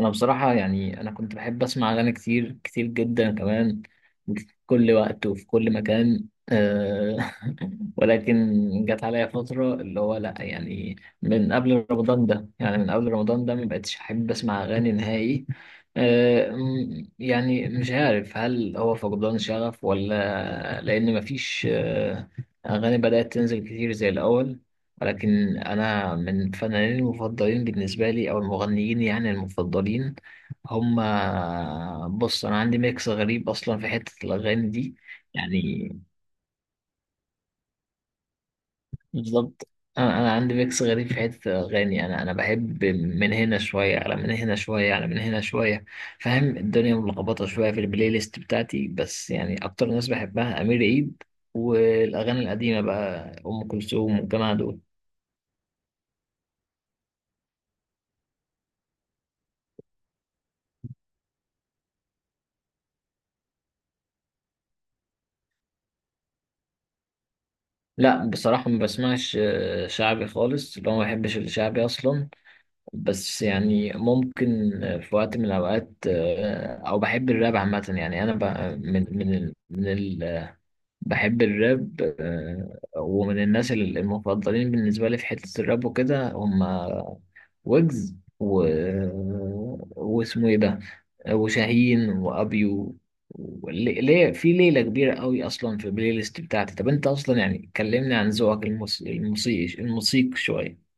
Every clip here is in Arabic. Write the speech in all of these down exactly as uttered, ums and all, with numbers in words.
انا بصراحة يعني انا كنت بحب اسمع اغاني كتير كتير جدا كمان في كل وقت وفي كل مكان آه، ولكن جت عليا فترة اللي هو لا يعني من قبل رمضان ده يعني من قبل رمضان ده ما بقتش احب اسمع اغاني نهائي. آه، م- يعني مش عارف هل هو فقدان شغف ولا لان مفيش آه، اغاني بدأت تنزل كتير زي الاول. ولكن أنا من الفنانين المفضلين بالنسبة لي أو المغنيين يعني المفضلين هم. بص، أنا عندي ميكس غريب أصلا في حتة الأغاني دي، يعني بالظبط. أنا أنا عندي ميكس غريب في حتة الأغاني، أنا أنا بحب من هنا شوية على من هنا شوية على من هنا شوية. فاهم؟ الدنيا ملخبطة شوية في البلاي ليست بتاعتي، بس يعني أكتر ناس بحبها أمير عيد، والأغاني القديمة بقى أم كلثوم والجماعة دول. لا، بصراحة ما بسمعش آه، شعبي خالص، اللي هو ما بحبش الشعبي أصلا. بس يعني ممكن آه، في وقت من الأوقات، آه، أو بحب الراب عامة. يعني أنا ب- من من ال من ال بحب الراب، آه، ومن الناس ال- المفضلين بالنسبة لي في حتة الراب وكده هم ويجز، و آه، واسمه إيه ده، وشاهين وابيو. ولي- ليه في ليله كبيره قوي اصلا في البلاي ليست بتاعتي. طب انت اصلا، يعني كلمني عن ذوقك الموس- الموسيقي، الموسيقي شويه.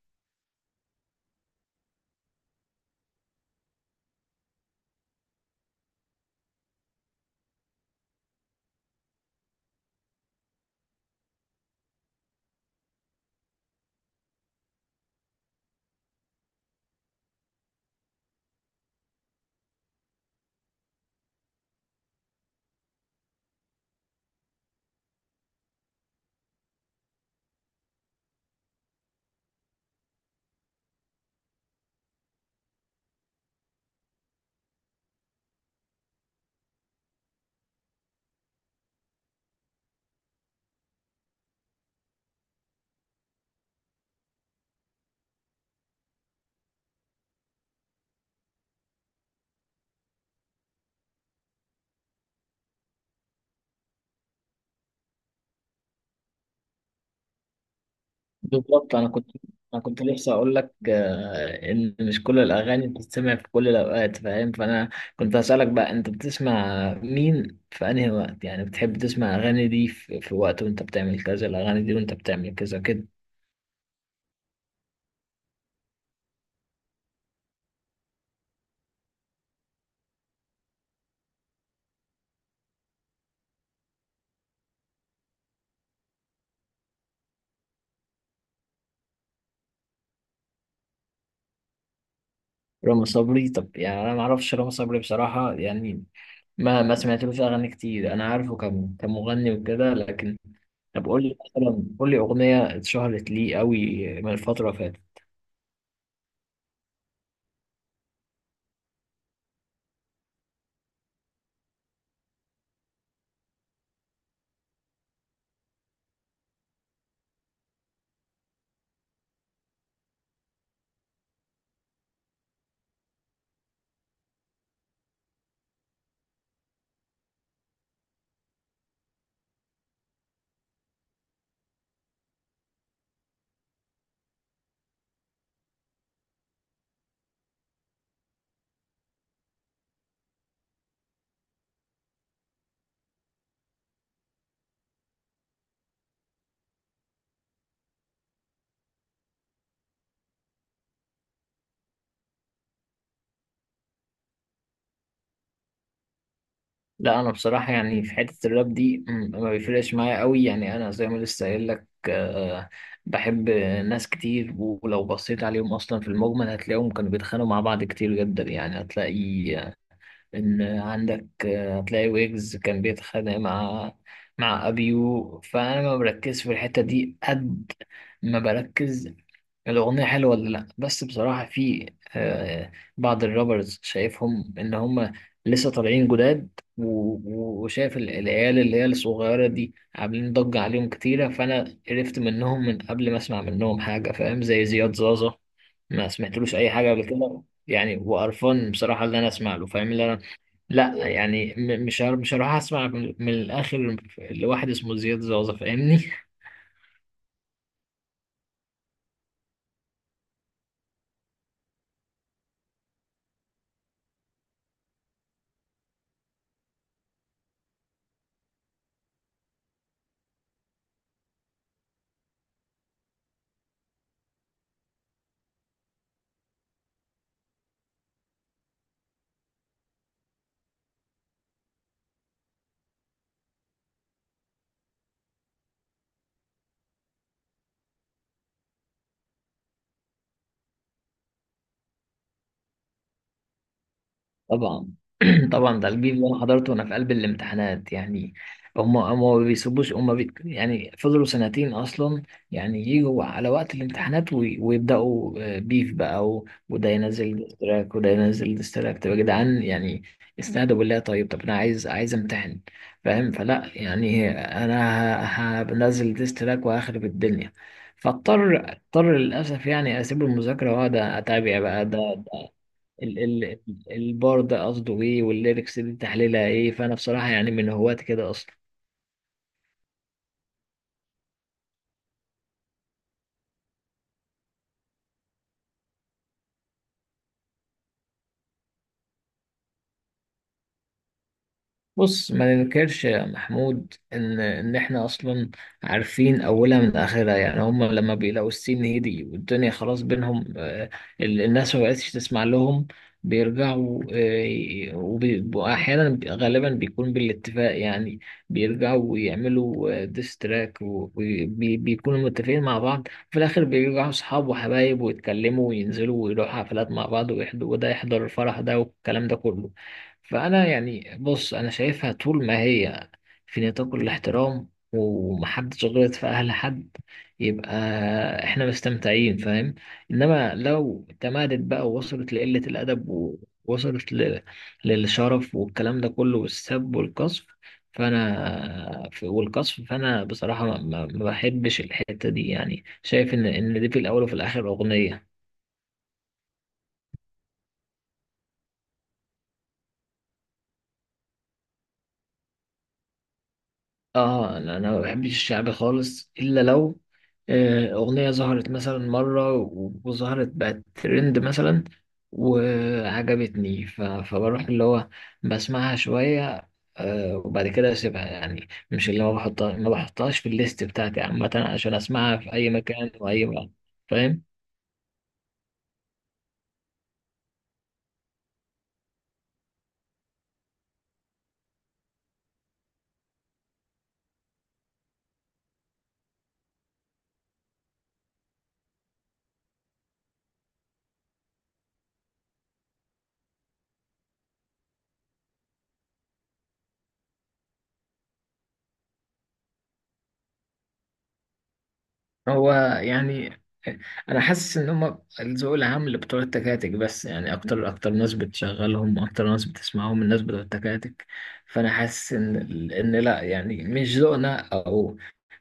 بالظبط. انا كنت انا كنت لسه اقول لك آه، ان مش كل الاغاني بتتسمع في كل الاوقات، فاهم؟ فانا كنت هسالك بقى، انت بتسمع مين في انهي وقت؟ يعني بتحب تسمع اغاني دي في، في وقت وانت بتعمل كذا، الاغاني دي وانت بتعمل كذا، كده. رامي صبري؟ طب يعني انا ما اعرفش رامي صبري بصراحه، يعني ما ما سمعتلوش اغاني كتير. انا عارفه كم كمغني وكده لكن. طب قول لي مثلا، قول لي اغنيه اتشهرت ليه قوي من الفتره اللي فاتت. لا انا بصراحه يعني في حته الراب دي م، ما بيفرقش معايا قوي، يعني انا زي ما لسه قايل لك، آه، بحب ناس كتير. ولو بصيت عليهم اصلا في المجمل هتلاقيهم كانوا بيتخانقوا مع بعض كتير جدا. يعني هتلاقي إن عندك، آه، هتلاقي ويجز كان بيتخانق مع، مع أبيو. فأنا ما بركزش في الحتة دي قد ما بركز الأغنية حلوة ولا لأ. بس بصراحة في آه، بعض الرابرز شايفهم إن هم لسه طالعين جداد، و- و- وشايف ال- العيال اللي هي الصغيرة دي عاملين ضجة عليهم كتيرة. فأنا عرفت منهم من قبل ما أسمع منهم حاجة، فاهم؟ زي زياد زازا، ما سمعتلوش أي حاجة قبل كده يعني، وقرفان بصراحة اللي أنا أسمع له، فاهم؟ اللي أنا لا يعني م- مش هر- مش هروح اسمع من من الاخر لواحد اسمه زياد زوزة، فاهمني؟ طبعا. طبعا، ده الجيل اللي انا حضرته وانا في قلب الامتحانات يعني. هم هم ما بيسيبوش، هم بي يعني فضلوا سنتين اصلا، يعني يجوا على وقت الامتحانات وي ويبداوا، آه، بيف بقى، و- وده ينزل ديستراك وده ينزل ديستراك. طب يا جدعان يعني استهدوا بالله. طيب، طب انا عايز، عايز امتحن، فاهم؟ فلا يعني انا ه- هنزل ديستراك وهخرب الدنيا. فاضطر اضطر للاسف يعني اسيب المذاكره واقعد اتابع بقى ده ال- ال- البار ده قصده ايه، والليركس دي تحليلها ايه. فانا بصراحة يعني من هواة كده اصلا. بص، ما ننكرش يا محمود ان ان احنا اصلا عارفين اولها من اخرها. يعني هم لما بيلاقوا السين هدي والدنيا خلاص بينهم، آه، ال- الناس ما بقتش تسمع لهم، بيرجعوا، آه، وبي- واحيانا بي- غالبا بيكون بالاتفاق. يعني بيرجعوا ويعملوا ديستراك وبيكونوا متفقين مع بعض، في الاخر بيرجعوا اصحاب وحبايب ويتكلموا وينزلوا ويروحوا حفلات مع بعض ويحضروا، وده يحضر الفرح ده والكلام ده كله. فأنا يعني بص، أنا شايفها طول ما هي في نطاق الاحترام ومحدش غلط في أهل حد، يبقى إحنا مستمتعين، فاهم؟ إنما لو تمادت بقى ووصلت لقلة الأدب، ووصلت ل... للشرف والكلام ده كله، والسب والقصف، فأنا ف- والقصف فأنا بصراحة ما, ما ما بحبش الحتة دي. يعني شايف إن إن دي في الأول وفي الآخر أغنية. اه لا، انا ما بحبش الشعبي خالص، الا لو آه، اغنيه ظهرت مثلا مره و- وظهرت بقت ترند مثلا وعجبتني، ف- فبروح اللي هو بسمعها شويه، آه، وبعد كده اسيبها. يعني مش اللي هو بحطها، ما بحطهاش في الليست بتاعتي عامه عشان اسمعها في اي مكان واي وقت، فاهم؟ هو يعني انا حاسس ان هم الذوق العام اللي بتوع التكاتك بس، يعني اكتر اكتر ناس بتشغلهم، اكتر ناس بتسمعهم الناس بتوع التكاتك. فانا حاسس ان، ان لا يعني مش ذوقنا، او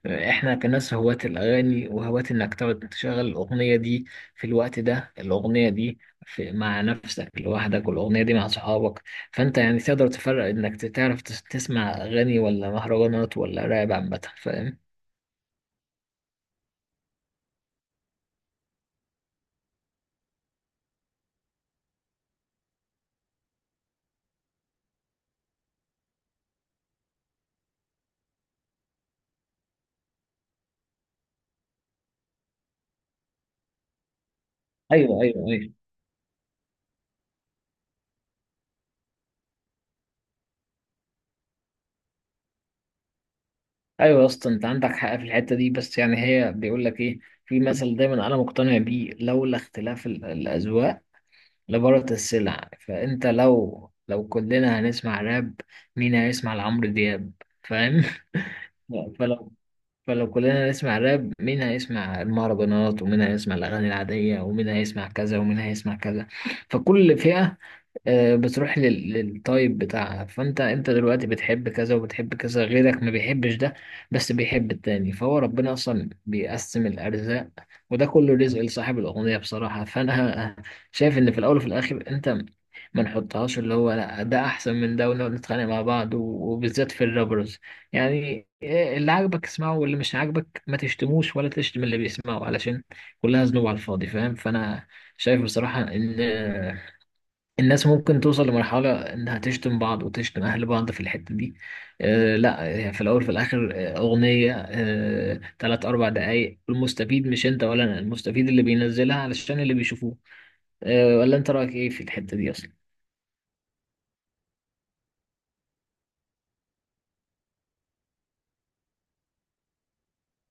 احنا كناس هواة الاغاني وهواة انك تقعد تشغل الاغنيه دي في الوقت ده، الاغنيه دي في مع نفسك لوحدك، والاغنيه دي مع صحابك. فانت يعني تقدر تفرق انك تعرف تس- تسمع اغاني ولا مهرجانات ولا راب عامه، فاهم؟ ايوه، ايوه، ايوه. ايوه يا اسطى، انت عندك حق في الحته دي. بس يعني هي بيقول لك ايه، في مثل دايما انا مقتنع بيه، لولا اختلاف ال- الاذواق لبارت السلع. فانت لو لو كلنا هنسمع راب، مين هيسمع لعمرو دياب؟ فاهم؟ فلو فلو كلنا هنسمع راب، مين هيسمع المهرجانات، ومين هيسمع الاغاني العاديه، ومين هيسمع كذا، ومين هيسمع كذا؟ فكل فئه آه، بتروح لل- للطيب بتاعها. فانت، انت دلوقتي بتحب كذا وبتحب كذا، غيرك ما بيحبش ده بس بيحب التاني. فهو ربنا اصلا بيقسم الارزاق، وده كله رزق لصاحب الاغنية بصراحة. فانا شايف ان في الاول وفي الاخر، انت ما نحطهاش اللي هو لا ده احسن من ده ونقعد نتخانق مع بعض، و- وبالذات في الرابرز. يعني آه، اللي عاجبك اسمعه، واللي مش عاجبك ما تشتموش ولا تشتم اللي بيسمعه، علشان كلها ذنوب على الفاضي، فاهم؟ فانا شايف بصراحة إن الناس ممكن توصل لمرحلة إنها تشتم بعض وتشتم أهل بعض في الحتة دي. آه لا، هي في الأول في الآخر آه، أغنية، آه تلات أربع دقايق. المستفيد مش أنت ولا أنا، المستفيد اللي بينزلها علشان اللي بيشوفوه. آه، ولا أنت رأيك إيه في الحتة دي أصلا؟